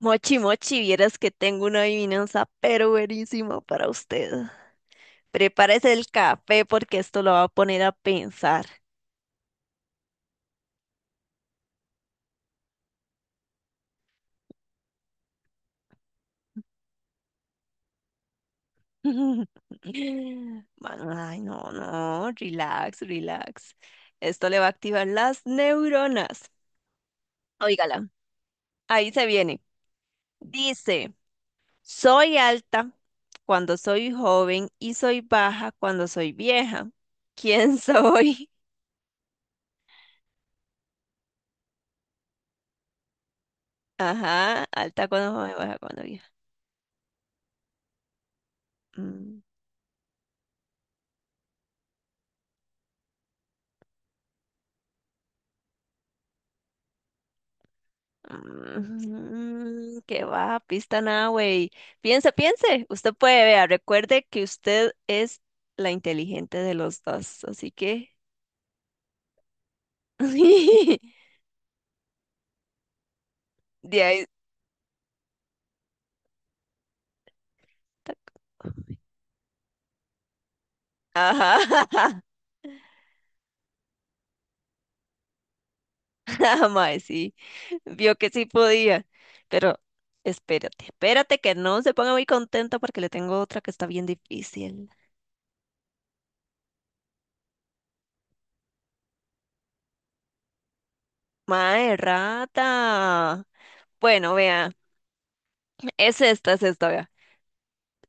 Mochi, mochi, vieras que tengo una adivinanza pero buenísima para usted. Prepárese el café porque esto lo va a poner a pensar. Mano, ay, no, no, relax, relax. Esto le va a activar las neuronas. Óigala, ahí se viene. Dice, soy alta cuando soy joven y soy baja cuando soy vieja. ¿Quién soy? Ajá, alta cuando joven, baja cuando vieja. Mm. Mm, qué va, pista nada, güey. Piense, piense. Usted puede, vea, recuerde que usted es la inteligente de los dos, así que de ahí. Tac. Ajá, mae, sí. Vio que sí podía, pero espérate, espérate que no se ponga muy contenta porque le tengo otra que está bien difícil. Mae, rata. Bueno, vea, es esta, vea.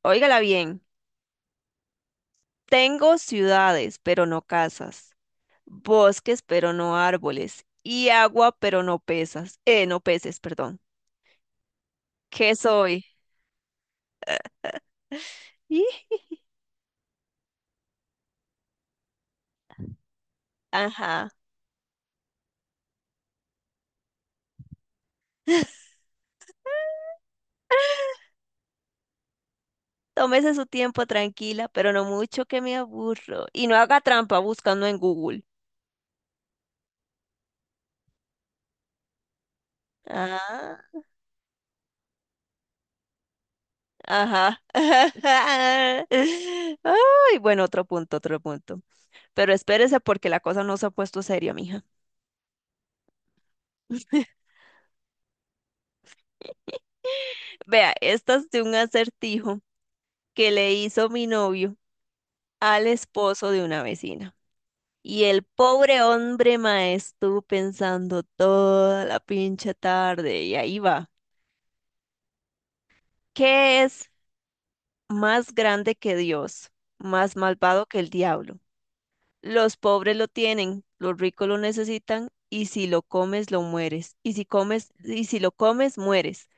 Óigala bien. Tengo ciudades, pero no casas, bosques, pero no árboles, y agua, pero no pesas, no peces, perdón. ¿Qué soy? Ih, ajá. Tómese su tiempo tranquila, pero no mucho que me aburro. Y no haga trampa buscando en Google. Ah, ajá. Ay, bueno, otro punto, otro punto. Pero espérese porque la cosa no se ha puesto seria, mija. Vea, esta es de un acertijo que le hizo mi novio al esposo de una vecina. Y el pobre hombre, mae, estuvo pensando toda la pinche tarde y ahí va. ¿Qué es más grande que Dios, más malvado que el diablo? Los pobres lo tienen, los ricos lo necesitan y si lo comes lo mueres. Y si comes y si lo comes mueres.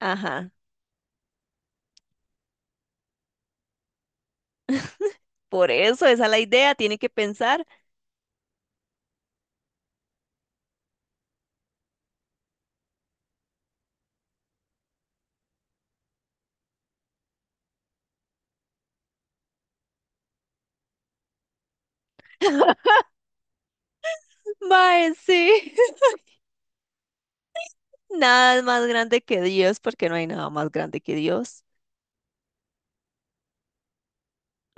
Ajá. Por eso, esa es la idea, tiene que pensar. Mae, sí. Nada es más grande que Dios porque no hay nada más grande que Dios.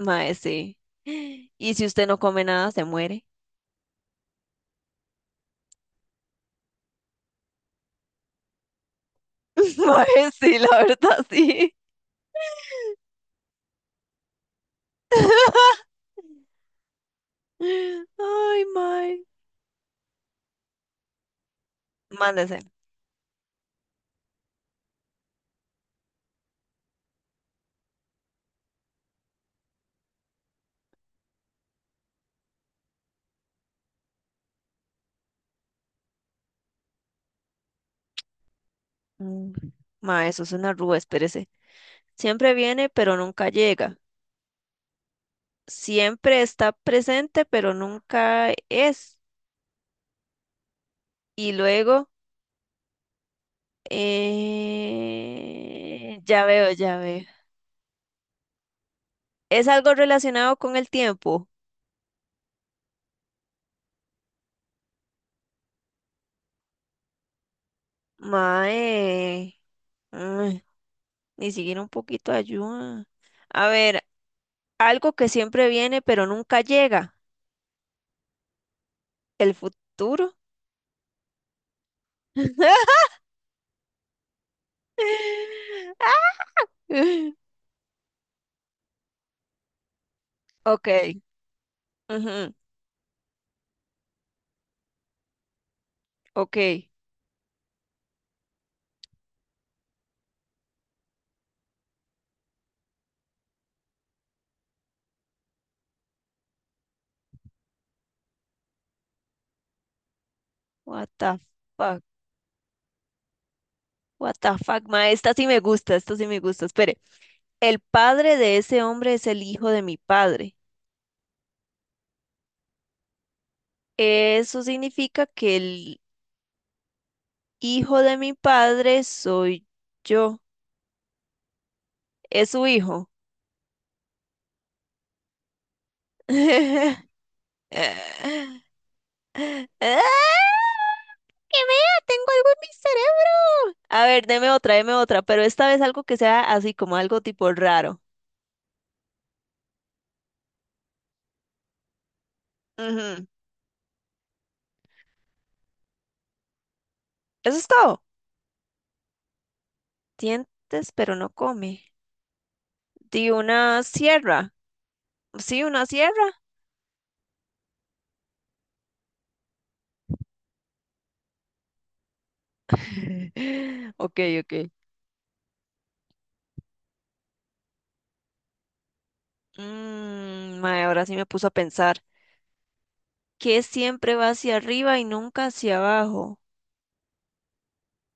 Mae, sí. Y si usted no come nada, se muere. Mae, sí, la verdad, sí. Ay, mae. Mándese. Mm. Mae, eso es una rúa, espérese. Siempre viene, pero nunca llega. Siempre está presente, pero nunca es. Y luego, ya veo, ya veo. ¿Es algo relacionado con el tiempo? Mae, mm. Ni siquiera un poquito de ayuda. A ver, algo que siempre viene pero nunca llega. El futuro. Ok, ujú, ok. What the fuck. What the fuck, ma. Esta sí me gusta, esta sí me gusta. Espere. El padre de ese hombre es el hijo de mi padre. Eso significa que el hijo de mi padre soy yo. Es su hijo. ¡Ah! ¡Que vea! Tengo algo en mi cerebro. A ver, deme otra, pero esta vez algo que sea así como algo tipo raro. Ujú. Eso es todo. Dientes, pero no come. Di una sierra. Sí, una sierra. Ok, ok. Mmm, ahora sí me puso a pensar. ¿Qué siempre va hacia arriba y nunca hacia abajo?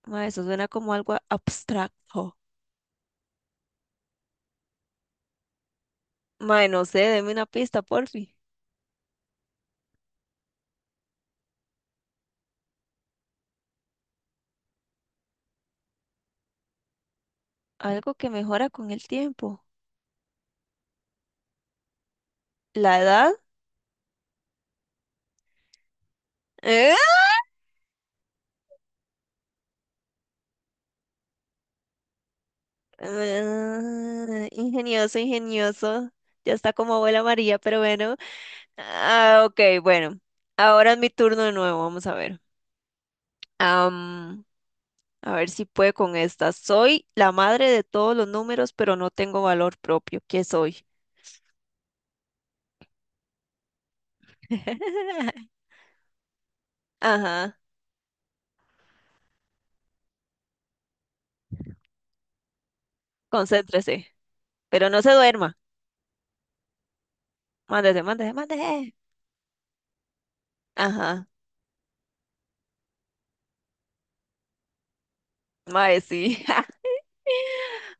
Mae, eso suena como algo abstracto. Mae, no sé, deme una pista, porfi. Algo que mejora con el tiempo. ¿La edad? ¿Eh? Ah, ingenioso, ingenioso. Ya está como abuela María, pero bueno. Ah, ok, bueno. Ahora es mi turno de nuevo, vamos a ver. Am, a ver si puede con esta. Soy la madre de todos los números, pero no tengo valor propio. ¿Qué soy? Ajá, concéntrese, pero no se duerma. Mándese, mándese, mándese. Ajá, mae, sí.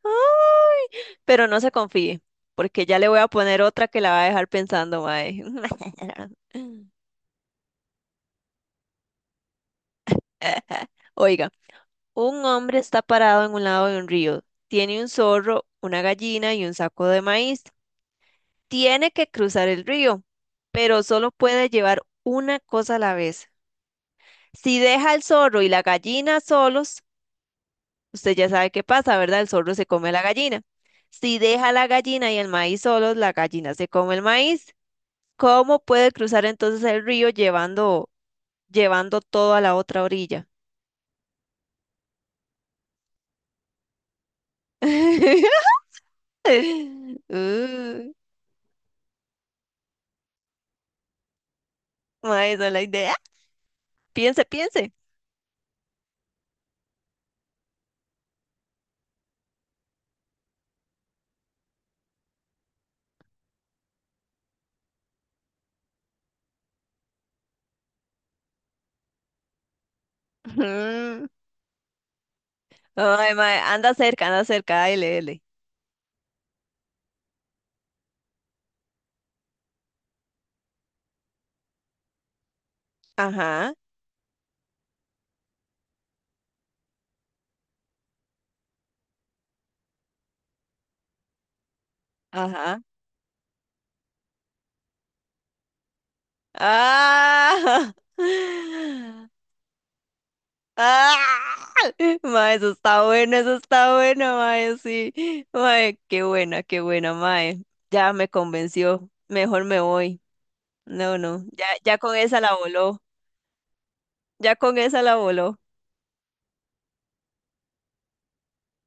Ay, pero no se confíe, porque ya le voy a poner otra que la va a dejar pensando, mae. Oiga, un hombre está parado en un lado de un río. Tiene un zorro, una gallina y un saco de maíz. Tiene que cruzar el río, pero solo puede llevar una cosa a la vez. Si deja el zorro y la gallina solos, usted ya sabe qué pasa, ¿verdad? El zorro se come la gallina. Si deja la gallina y el maíz solos, la gallina se come el maíz. ¿Cómo puede cruzar entonces el río llevando todo a la otra orilla? Uh, mae, esa es la idea. Piense, piense. Ujú. Ay, mae, anda cerca, anda cerca. Ay, lele. Ajá, ajá. ¡Ah! ¡Ah! Mae, eso está bueno, mae, sí. Mae, qué buena, mae. Ya me convenció. Mejor me voy. No, no, ya, ya con esa la voló, ya con esa la voló.